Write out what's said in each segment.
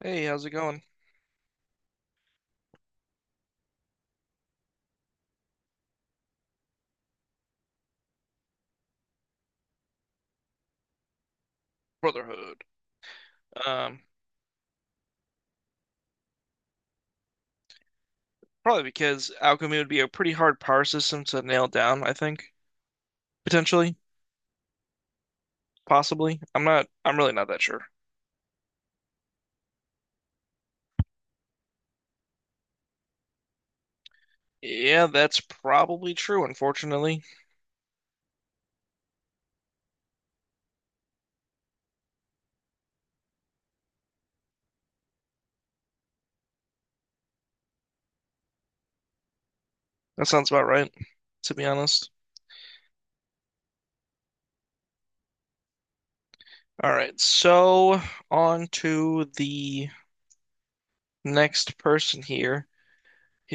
Hey, how's it going? Brotherhood. Um, Probably because alchemy would be a pretty hard power system to nail down, I think. Potentially, possibly. I'm really not that sure. Yeah, that's probably true, unfortunately. That sounds about right, to be honest. All right, so on to the next person here.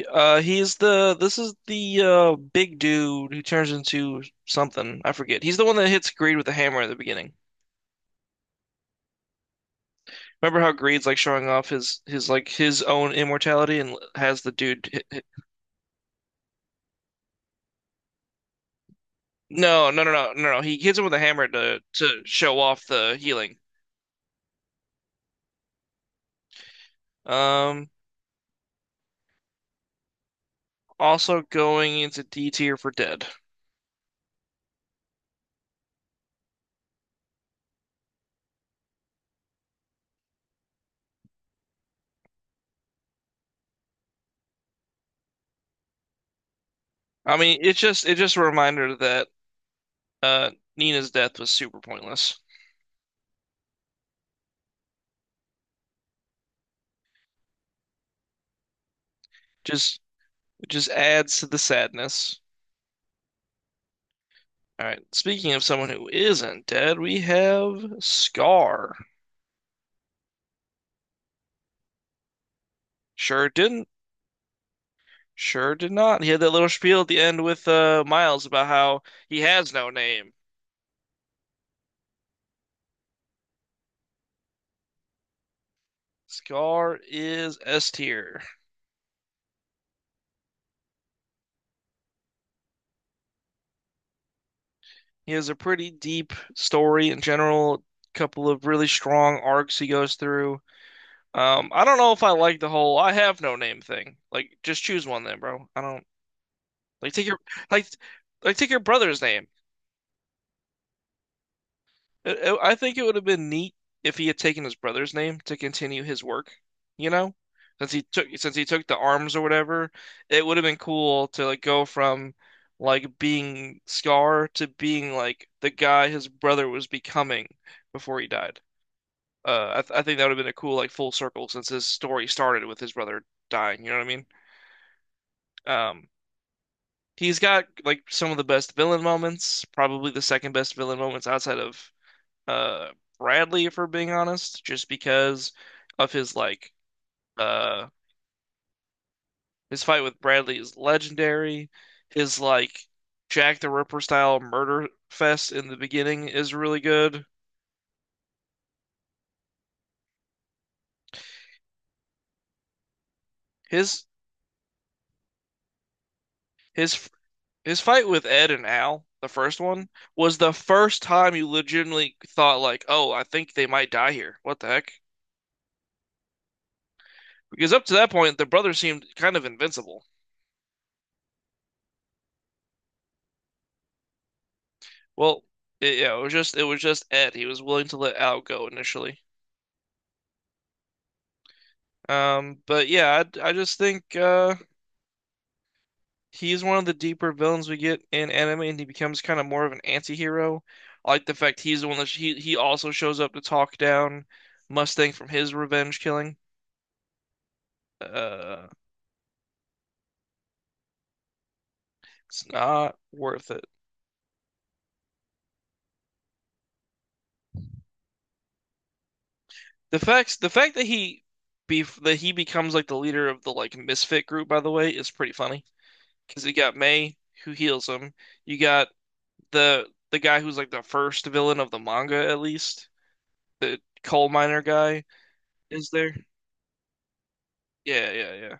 This is the big dude who turns into something. I forget. He's the one that hits Greed with a hammer at the beginning. Remember how Greed's like showing off his like his own immortality and has the dude hit. No, no, no, no, no, no. He hits him with a hammer to show off the healing. Um, Also going into D tier for dead. I mean, it's just a reminder that uh Nina's death was super pointless. Just It just adds to the sadness. All right. Speaking of someone who isn't dead, we have Scar. Sure didn't. Sure did not. He had that little spiel at the end with Miles about how he has no name. Scar is S tier. He has a pretty deep story in general, couple of really strong arcs he goes through. I don't know if I like the whole "I have no name" thing. Like, just choose one then, bro. I don't like take your like like take your brother's name. I think it would have been neat if he had taken his brother's name to continue his work, you know? Since he took the arms or whatever, it would have been cool to like go from like being Scar to being like the guy his brother was becoming before he died. I think that would have been a cool like full circle since his story started with his brother dying, you know what I mean? Um, he's got like some of the best villain moments, probably the second best villain moments outside of uh Bradley, if we're being honest, just because of his uh his fight with Bradley is legendary. His like Jack the Ripper style murder fest in the beginning is really good. His his his fight with Ed and Al, the first one, was the first time you legitimately thought like, "Oh, I think they might die here. What the heck?" Because up to that point, the brothers seemed kind of invincible. Well, yeah, it was just Ed. He was willing to let Al go initially. I just think he's one of the deeper villains we get in anime, and he becomes kind of more of an anti-hero. I like the fact he's the one that he also shows up to talk down Mustang from his revenge killing. Uh, it's not worth it. The fact that he be that he becomes like the leader of the like misfit group, by the way, is pretty funny because you got May who heals him. You got the guy who's like the first villain of the manga, at least the coal miner guy is there? Yeah, yeah, yeah.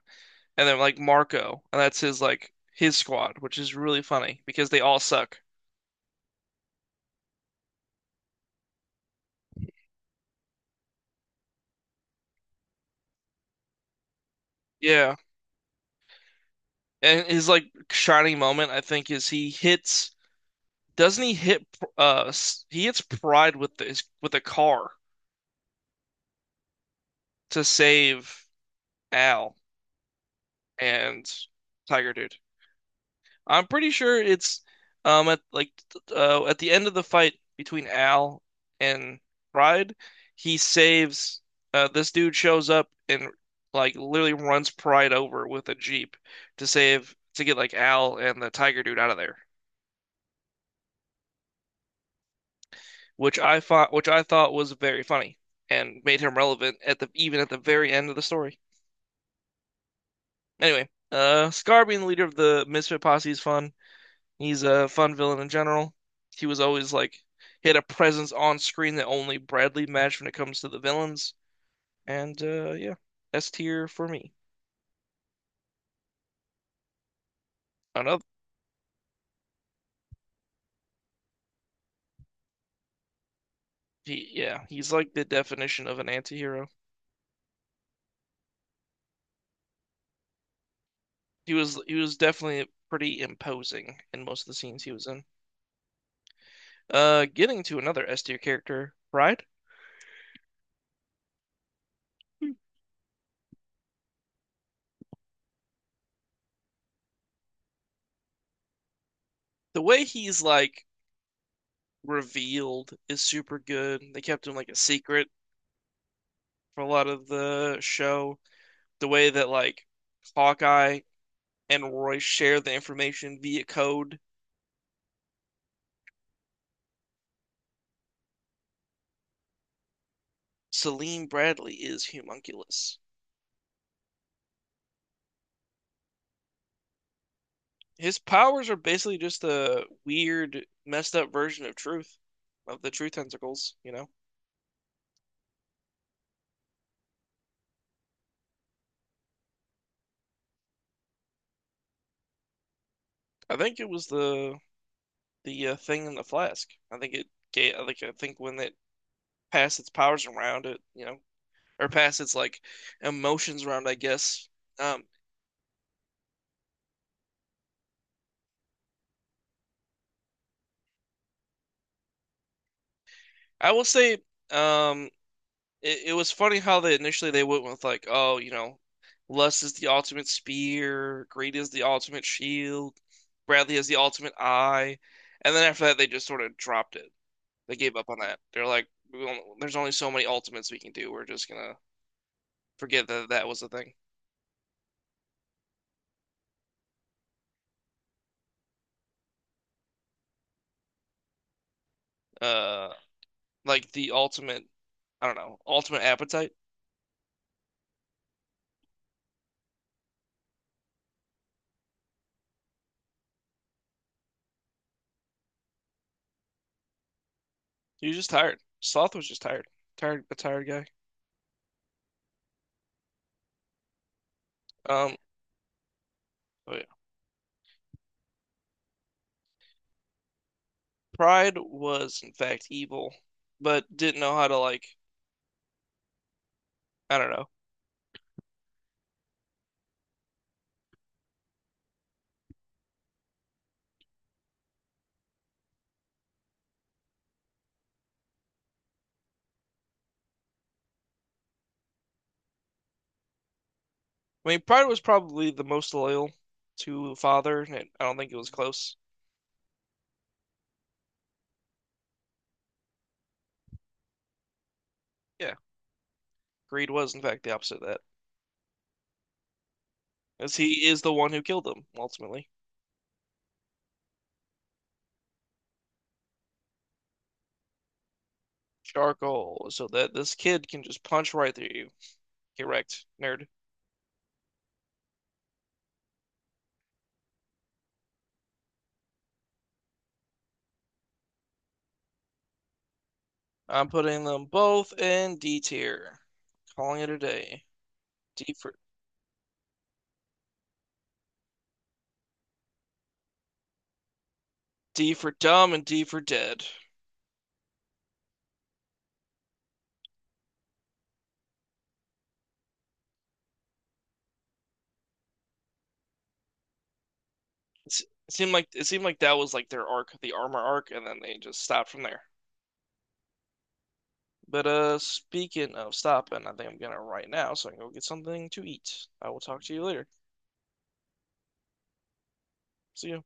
And then like Marco, and that's his like his squad, which is really funny because they all suck. Yeah. And his like shining moment, I think, is he hits doesn't he hit he hits Pride with his with a car to save Al and Tiger Dude. I'm pretty sure it's at at the end of the fight between Al and Pride, he saves this dude shows up and like literally runs Pride over with a jeep to get like Al and the tiger dude out of there, which I thought was very funny and made him relevant at the even at the very end of the story. Anyway, Scar being the leader of the Misfit Posse is fun. He's a fun villain in general. He was always like he had a presence on screen that only Bradley matched when it comes to the villains. And yeah, S tier for me. Another yeah, he's like the definition of an anti-hero. He was definitely pretty imposing in most of the scenes he was in. Getting to another S tier character, Pride. The way he's like revealed is super good. They kept him like a secret for a lot of the show. The way that like Hawkeye and Roy share the information via code. Selim Bradley is Humunculus. His powers are basically just a weird, messed up version of Truth, of the truth Tentacles. You know, I think it was the thing in the flask. I think it gave. I think when it passed its powers around, it you know, or passed its like emotions around. I guess. Um, I will say, um, it was funny how they went with like, oh, you know, Lust is the ultimate spear, Greed is the ultimate shield, Bradley is the ultimate eye, and then after that they just sort of dropped it. They gave up on that. They're like, there's only so many ultimates we can do. We're just gonna forget that that was the thing. Uh, like the ultimate, I don't know, ultimate appetite. He was just tired. Tired, a tired guy. Um, oh yeah. Pride was in fact evil, but didn't know how to like, I don't know. I mean, Pride was probably the most loyal to Father, and I don't think it was close. Yeah, Greed was, in fact, the opposite of that, as he is the one who killed him ultimately. Charcoal, so that this kid can just punch right through you. Get wrecked, nerd. I'm putting them both in D tier. Calling it a day. D for D for dumb and D for dead. It's, it seemed like that was like their arc, the armor arc, and then they just stopped from there. But speaking of stopping, I think I'm gonna right now, so I can go get something to eat. I will talk to you later. See you.